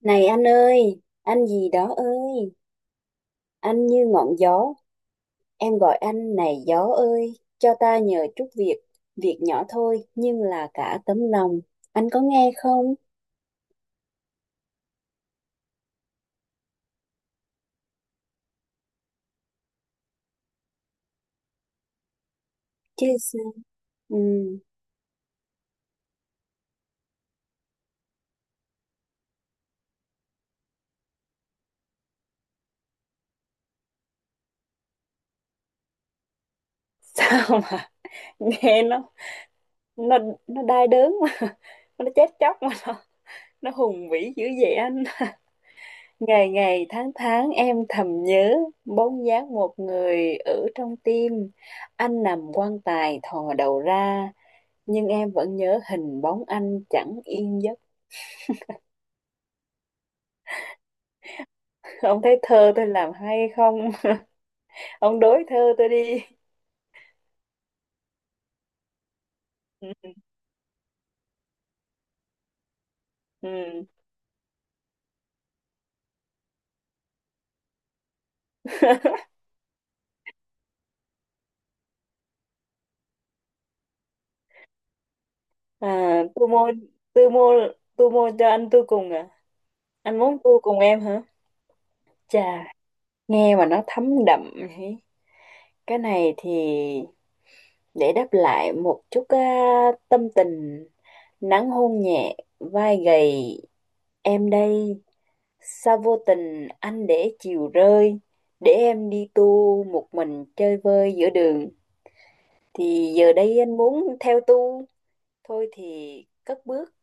Này anh ơi, anh gì đó ơi, anh như ngọn gió, em gọi anh này gió ơi, cho ta nhờ chút việc, việc nhỏ thôi nhưng là cả tấm lòng. Anh có nghe không? Chứ sao. ừm, Sao mà nghe nó nó đai đớn mà nó chết chóc mà nó hùng vĩ dữ vậy anh. Ngày ngày tháng tháng em thầm nhớ bóng dáng một người ở trong tim. Anh nằm quan tài thò đầu ra, nhưng em vẫn nhớ hình bóng anh chẳng yên giấc. Ông thấy thơ tôi làm hay không? Ông đối thơ tôi đi. Ừ. Ừ. À, tôi mua tôi mua cho anh tôi cùng à? Anh muốn tôi cùng em hả? Chà, nghe mà nó thấm đậm ấy. Cái này thì để đáp lại một chút á, tâm tình: nắng hôn nhẹ vai gầy em đây, sao vô tình anh để chiều rơi, để em đi tu một mình chơi vơi giữa đường. Thì giờ đây anh muốn theo tu, thôi thì cất bước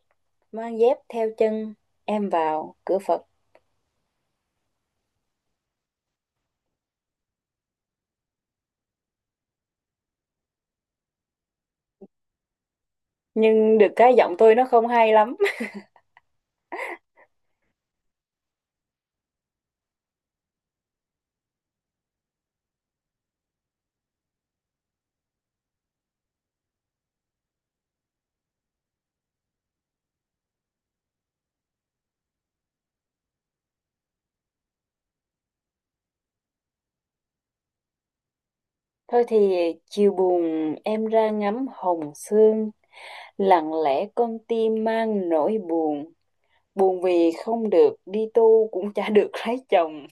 mang dép theo chân em vào cửa Phật. Nhưng được cái giọng tôi nó không hay lắm. Thôi thì chiều buồn em ra ngắm hồng sương, lặng lẽ con tim mang nỗi buồn, buồn vì không được đi tu cũng chả được lấy chồng,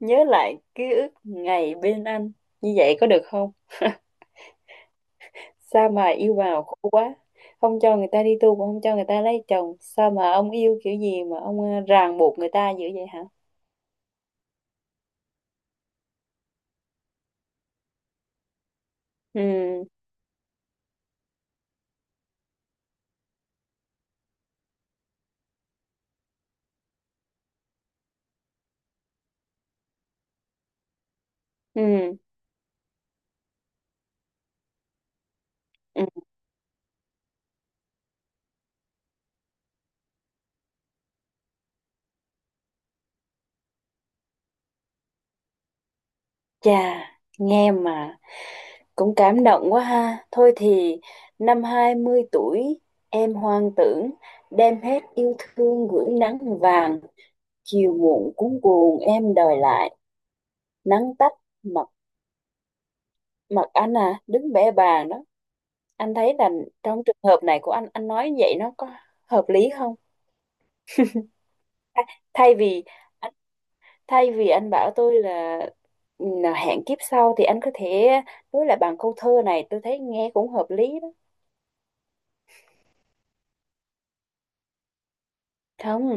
nhớ lại ký ức ngày bên anh. Như vậy có được không? Sao mà yêu vào khổ quá, không cho người ta đi tu cũng không cho người ta lấy chồng, sao mà ông yêu kiểu gì mà ông ràng buộc người ta dữ vậy hả? Ừ. Ừ. Ừ. Chà, nghe mà cũng cảm động quá ha. Thôi thì năm 20 tuổi em hoang tưởng, đem hết yêu thương gửi nắng vàng, chiều muộn cuống cuồng em đòi lại, nắng tắt, mặt mặt anh à đứng bẽ bàng đó. Anh thấy là trong trường hợp này của anh nói như vậy nó có hợp lý không? Thay thay vì anh thay vì anh bảo tôi là ừ, hẹn kiếp sau, thì anh có thể đối lại bằng câu thơ này, tôi thấy nghe cũng hợp lý. Không,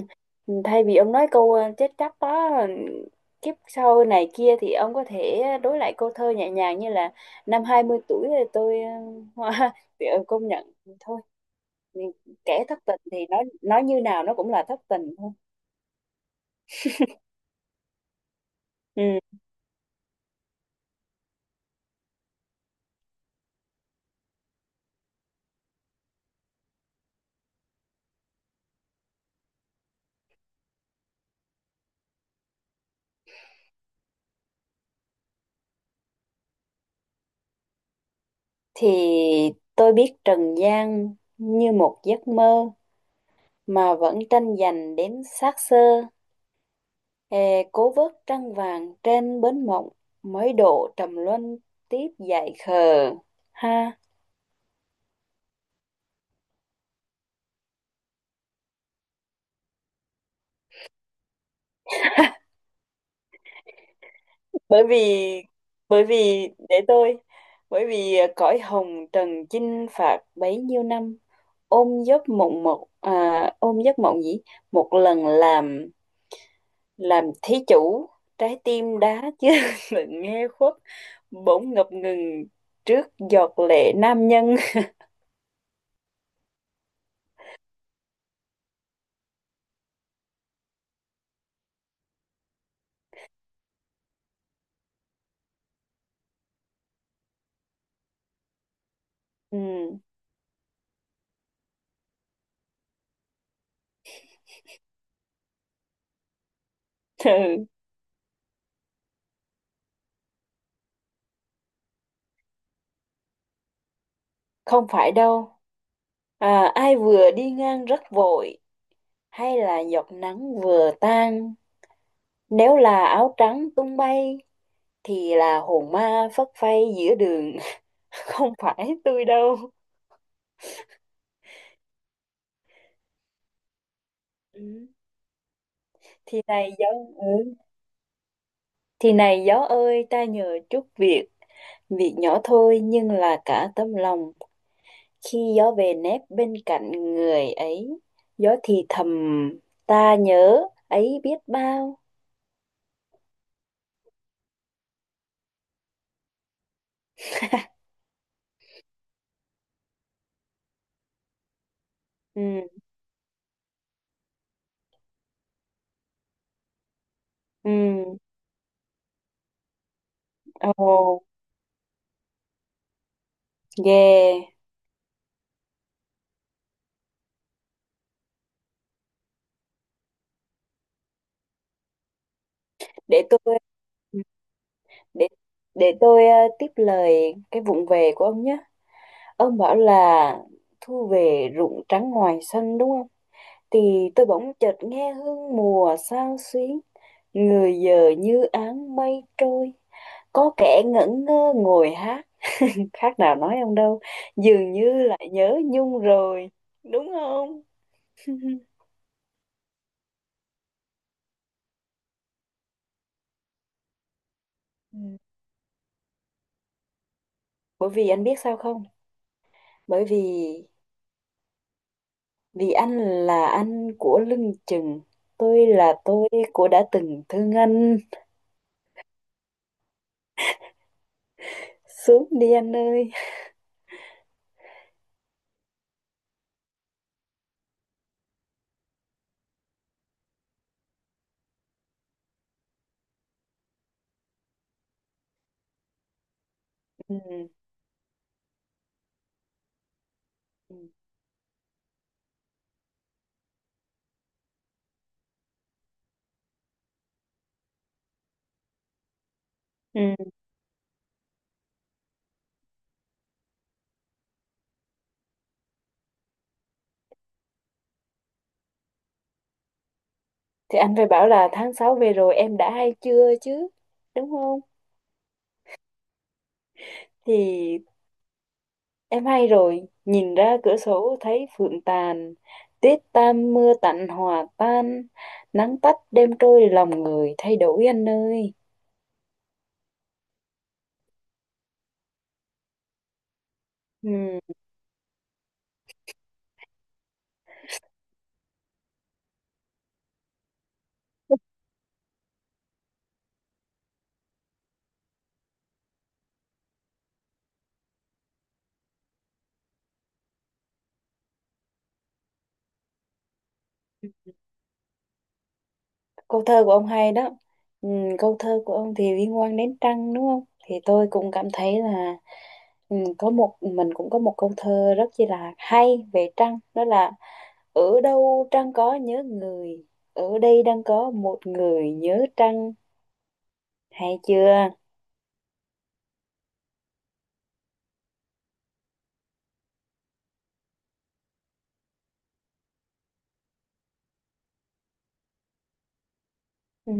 thay vì ông nói câu chết chóc đó, kiếp sau này kia, thì ông có thể đối lại câu thơ nhẹ nhàng như là năm 20 tuổi thì tôi hoa. Công nhận thôi thì kẻ thất tình thì nói như nào nó cũng là thất tình thôi. Ừ. Thì tôi biết trần gian như một giấc mơ, mà vẫn tranh giành đến xác xơ, Hè cố vớt trăng vàng trên bến mộng, mới độ trầm luân tiếp dại khờ, ha. Bởi vì bởi vì để tôi, bởi vì à, cõi hồng trần chinh phạt bấy nhiêu năm, ôm giấc mộng một à, ôm giấc mộng gì một lần làm thí chủ, trái tim đá chưa, đừng nghe khuất, bỗng ngập ngừng trước giọt lệ nam nhân. Ừ. Ừ. Không phải đâu. À, ai vừa đi ngang rất vội hay là giọt nắng vừa tan. Nếu là áo trắng tung bay thì là hồn ma phất phây giữa đường. Không phải tôi đâu. Ừ. Thì này gió, ừ. Thì này gió ơi ta nhờ chút việc. Việc nhỏ thôi nhưng là cả tấm lòng. Khi gió về nép bên cạnh người ấy, gió thì thầm ta nhớ ấy biết bao. Ừ, ừ, ồ. Yeah, để tôi để để tôi tiếp lời cái vụng về của ông nhé. Ông bảo là thu về ruộng trắng ngoài sân đúng không? Thì tôi bỗng chợt nghe hương mùa xao xuyến, người giờ như áng mây trôi. Có kẻ ngẩn ngơ ngồi hát, khác nào nói ông đâu, dường như lại nhớ Nhung rồi, đúng không? Ừ. Bởi vì anh biết sao không? Bởi vì Vì anh là anh của lưng chừng, tôi là tôi của đã từng thương anh. Xuống đi anh ơi. Ừ. Ừ. Ừ. Thì anh phải bảo là tháng 6 về rồi em đã hay chưa chứ, đúng không? Thì em hay rồi, nhìn ra cửa sổ thấy phượng tàn, tuyết tan mưa tạnh hòa tan, nắng tắt đêm trôi lòng người thay đổi anh ơi. Ừ. Câu thơ của ông hay đó, ừ, câu thơ của ông thì liên quan đến trăng đúng không, thì tôi cũng cảm thấy là ừ, có một mình cũng có một câu thơ rất chi là hay về trăng, đó là: ở đâu trăng có nhớ người, ở đây đang có một người nhớ trăng, hay chưa? Ừ.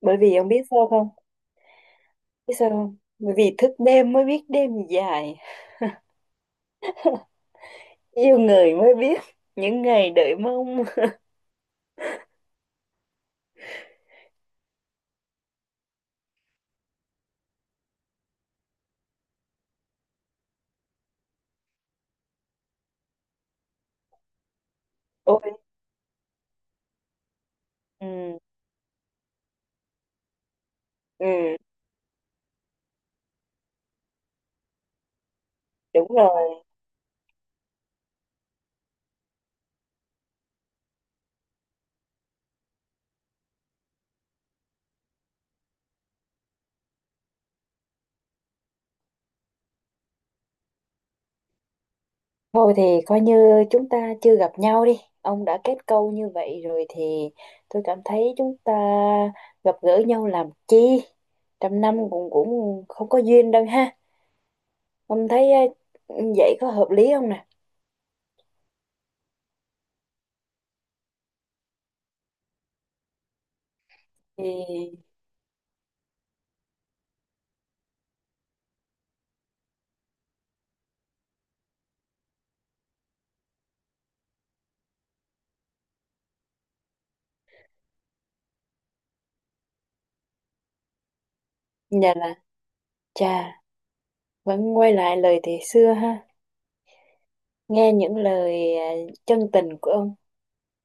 Bởi vì ông biết sao không, biết sao không, bởi vì thức đêm mới biết đêm dài, yêu người mới biết những ngày đợi mong. Ôi. Ừ, ừ, đúng rồi. Thôi thì coi như chúng ta chưa gặp nhau đi. Ông đã kết câu như vậy rồi thì tôi cảm thấy chúng ta gặp gỡ nhau làm chi? Trăm năm cũng cũng không có duyên đâu ha. Ông thấy vậy có hợp lý không nè? Thì nhà là chà, vẫn quay lại lời thì xưa ha. Nghe những lời chân tình của ông,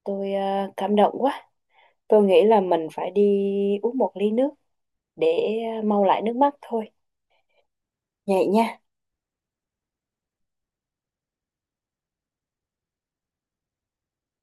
tôi cảm động quá. Tôi nghĩ là mình phải đi uống một ly nước để mau lại nước mắt thôi. Vậy nha.